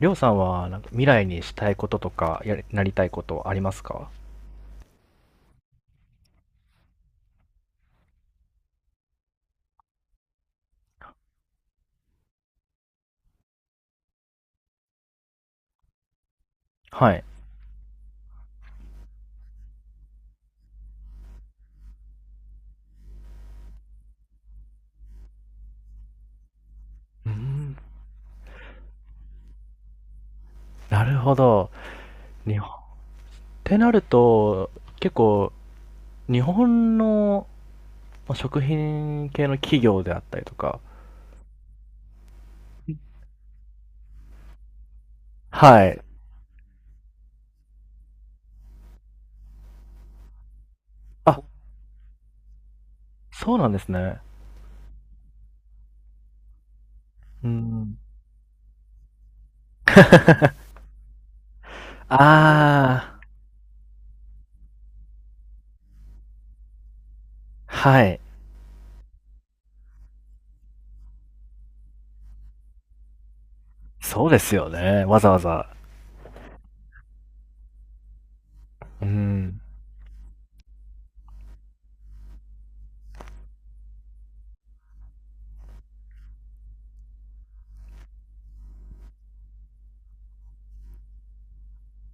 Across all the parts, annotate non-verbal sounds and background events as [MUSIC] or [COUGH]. りょうさんはなんか未来にしたいこととかやりなりたいことありますか？はい。うーん。なるほど。日本ってなると、結構、日本の、まあ食品系の企業であったりとか。はい。あ、そうなんですね。うん。ああ、はい。そうですよね。わざわざ。うん。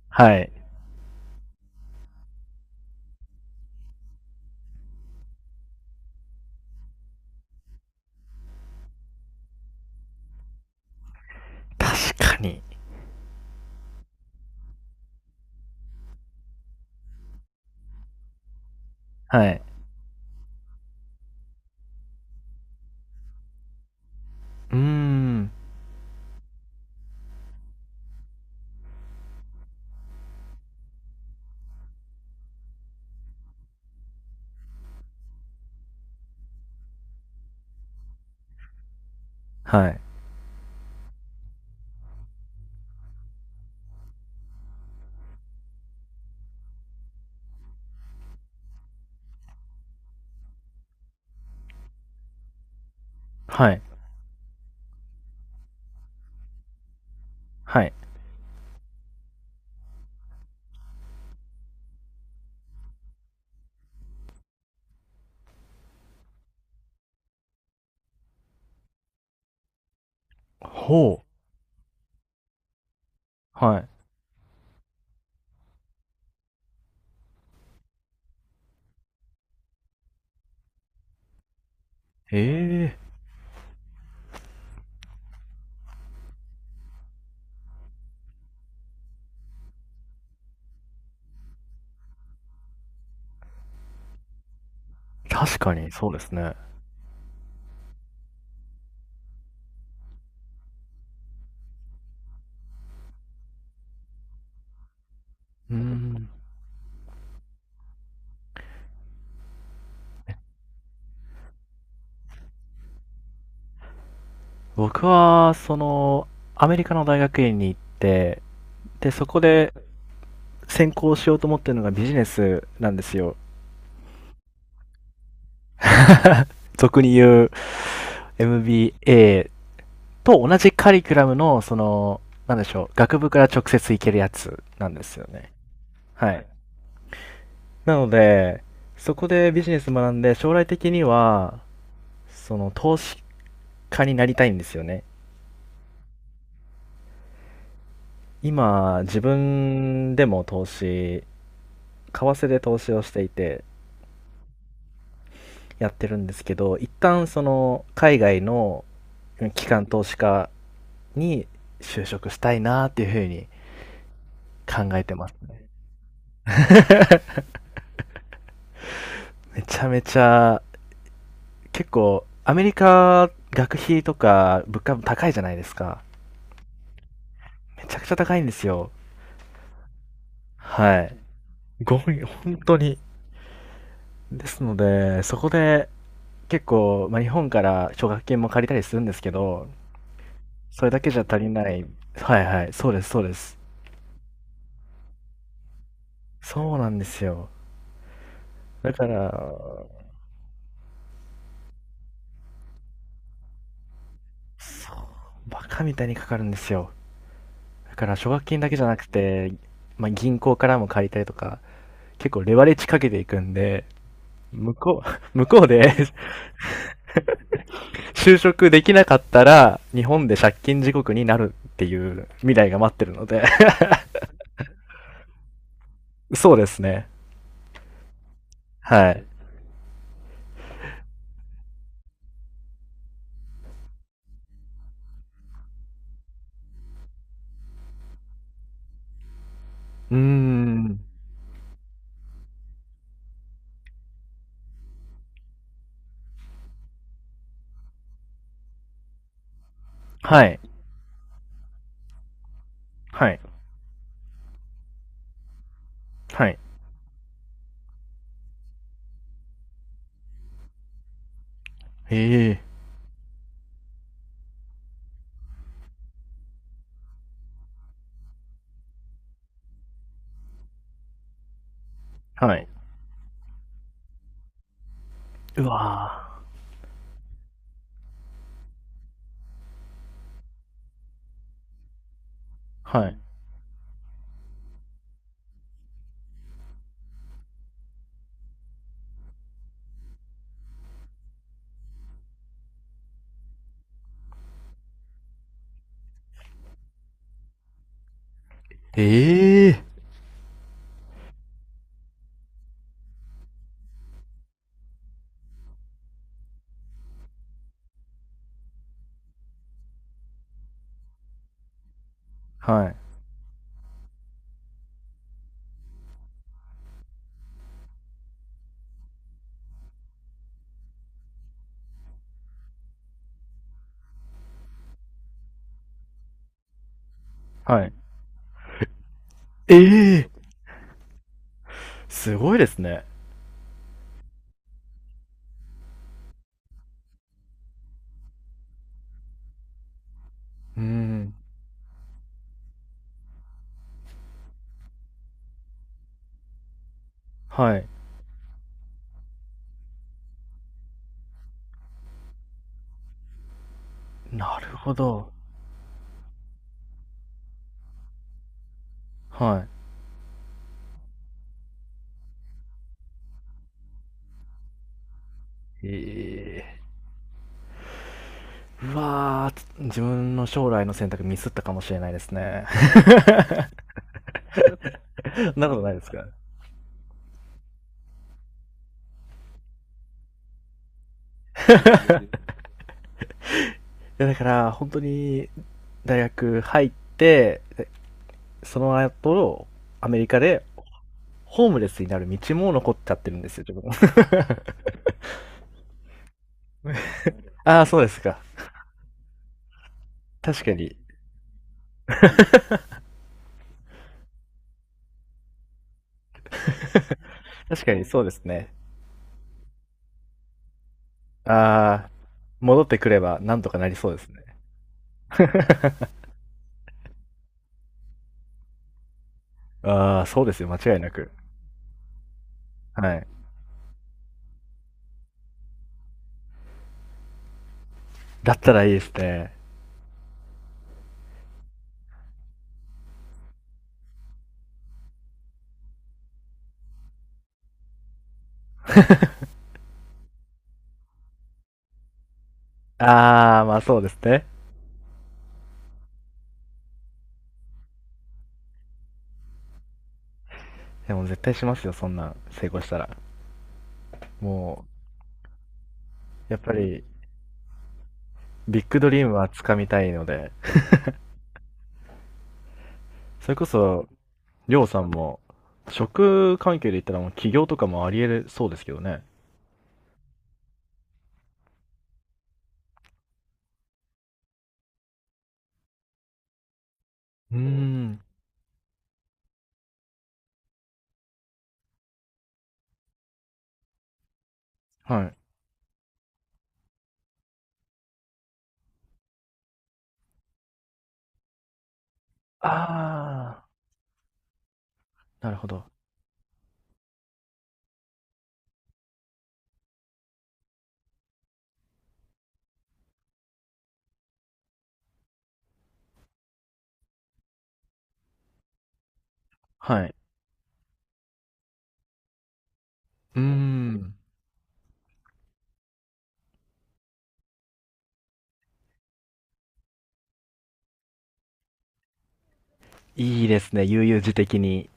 はい。確かに。はい。うーん。はい。はい。はい。ほう。はい。ええ。確かに、そうですね。うーん。僕は、その、アメリカの大学院に行って、で、そこで専攻しようと思ってるのがビジネスなんですよ。俗に言う MBA と同じカリキュラムの、その、なんでしょう、学部から直接行けるやつなんですよね。はい。なので、そこでビジネス学んで、将来的には、その、投資家になりたいんですよね。今、自分でも投資、為替で投資をしていてやってるんですけど、一旦その海外の機関投資家に就職したいなっていうふうに考えてます。めちゃめちゃ。結構アメリカ学費とか物価も高いじゃないですか。めちゃくちゃ高いんですよ。はい。ごめ、本当にですので、そこで結構、まあ、日本から奨学金も借りたりするんですけど、それだけじゃ足りない。はいはい、そうですそうです。そうなんですよ。だから、そう、バカみたいにかかるんですよ。だから、奨学金だけじゃなくて、まあ、銀行からも借りたりとか、結構レバレッジかけていくんで、向こう、[LAUGHS] 向こうで [LAUGHS] 就職できなかったら、日本で借金地獄になるっていう未来が待ってるので、[LAUGHS] そうですね。はい。うーん。はい。はい。はい。ええ。はい。うわぁ。はい。ええ。はい。はい。ええ。すごいですね。うーん。はい。なるほど。はい。ええ。うわ、自分の将来の選択ミスったかもしれないですね。[LAUGHS] そんなことないですか？いや、だから本当に大学入って、でその後、アメリカでホームレスになる道も残っちゃってるんですよ、自分は。[LAUGHS] ああ、そうですか。確かに。確かにそうですね。ああ、戻ってくればなんとかなりそうですね。ああ、そうですよ、間違いなく。はい。だったらいいですね。ああ、ま、あそうですね。でも絶対しますよ、そんなん成功したら。もう、やっぱり、ビッグドリームは掴みたいので、それこそ、りょうさんも、職関係で言ったらもう起業とかもあり得るそうですけどね。うーん。はい。ああ、なるほど。はい。うーん。いいですね、悠々自適に。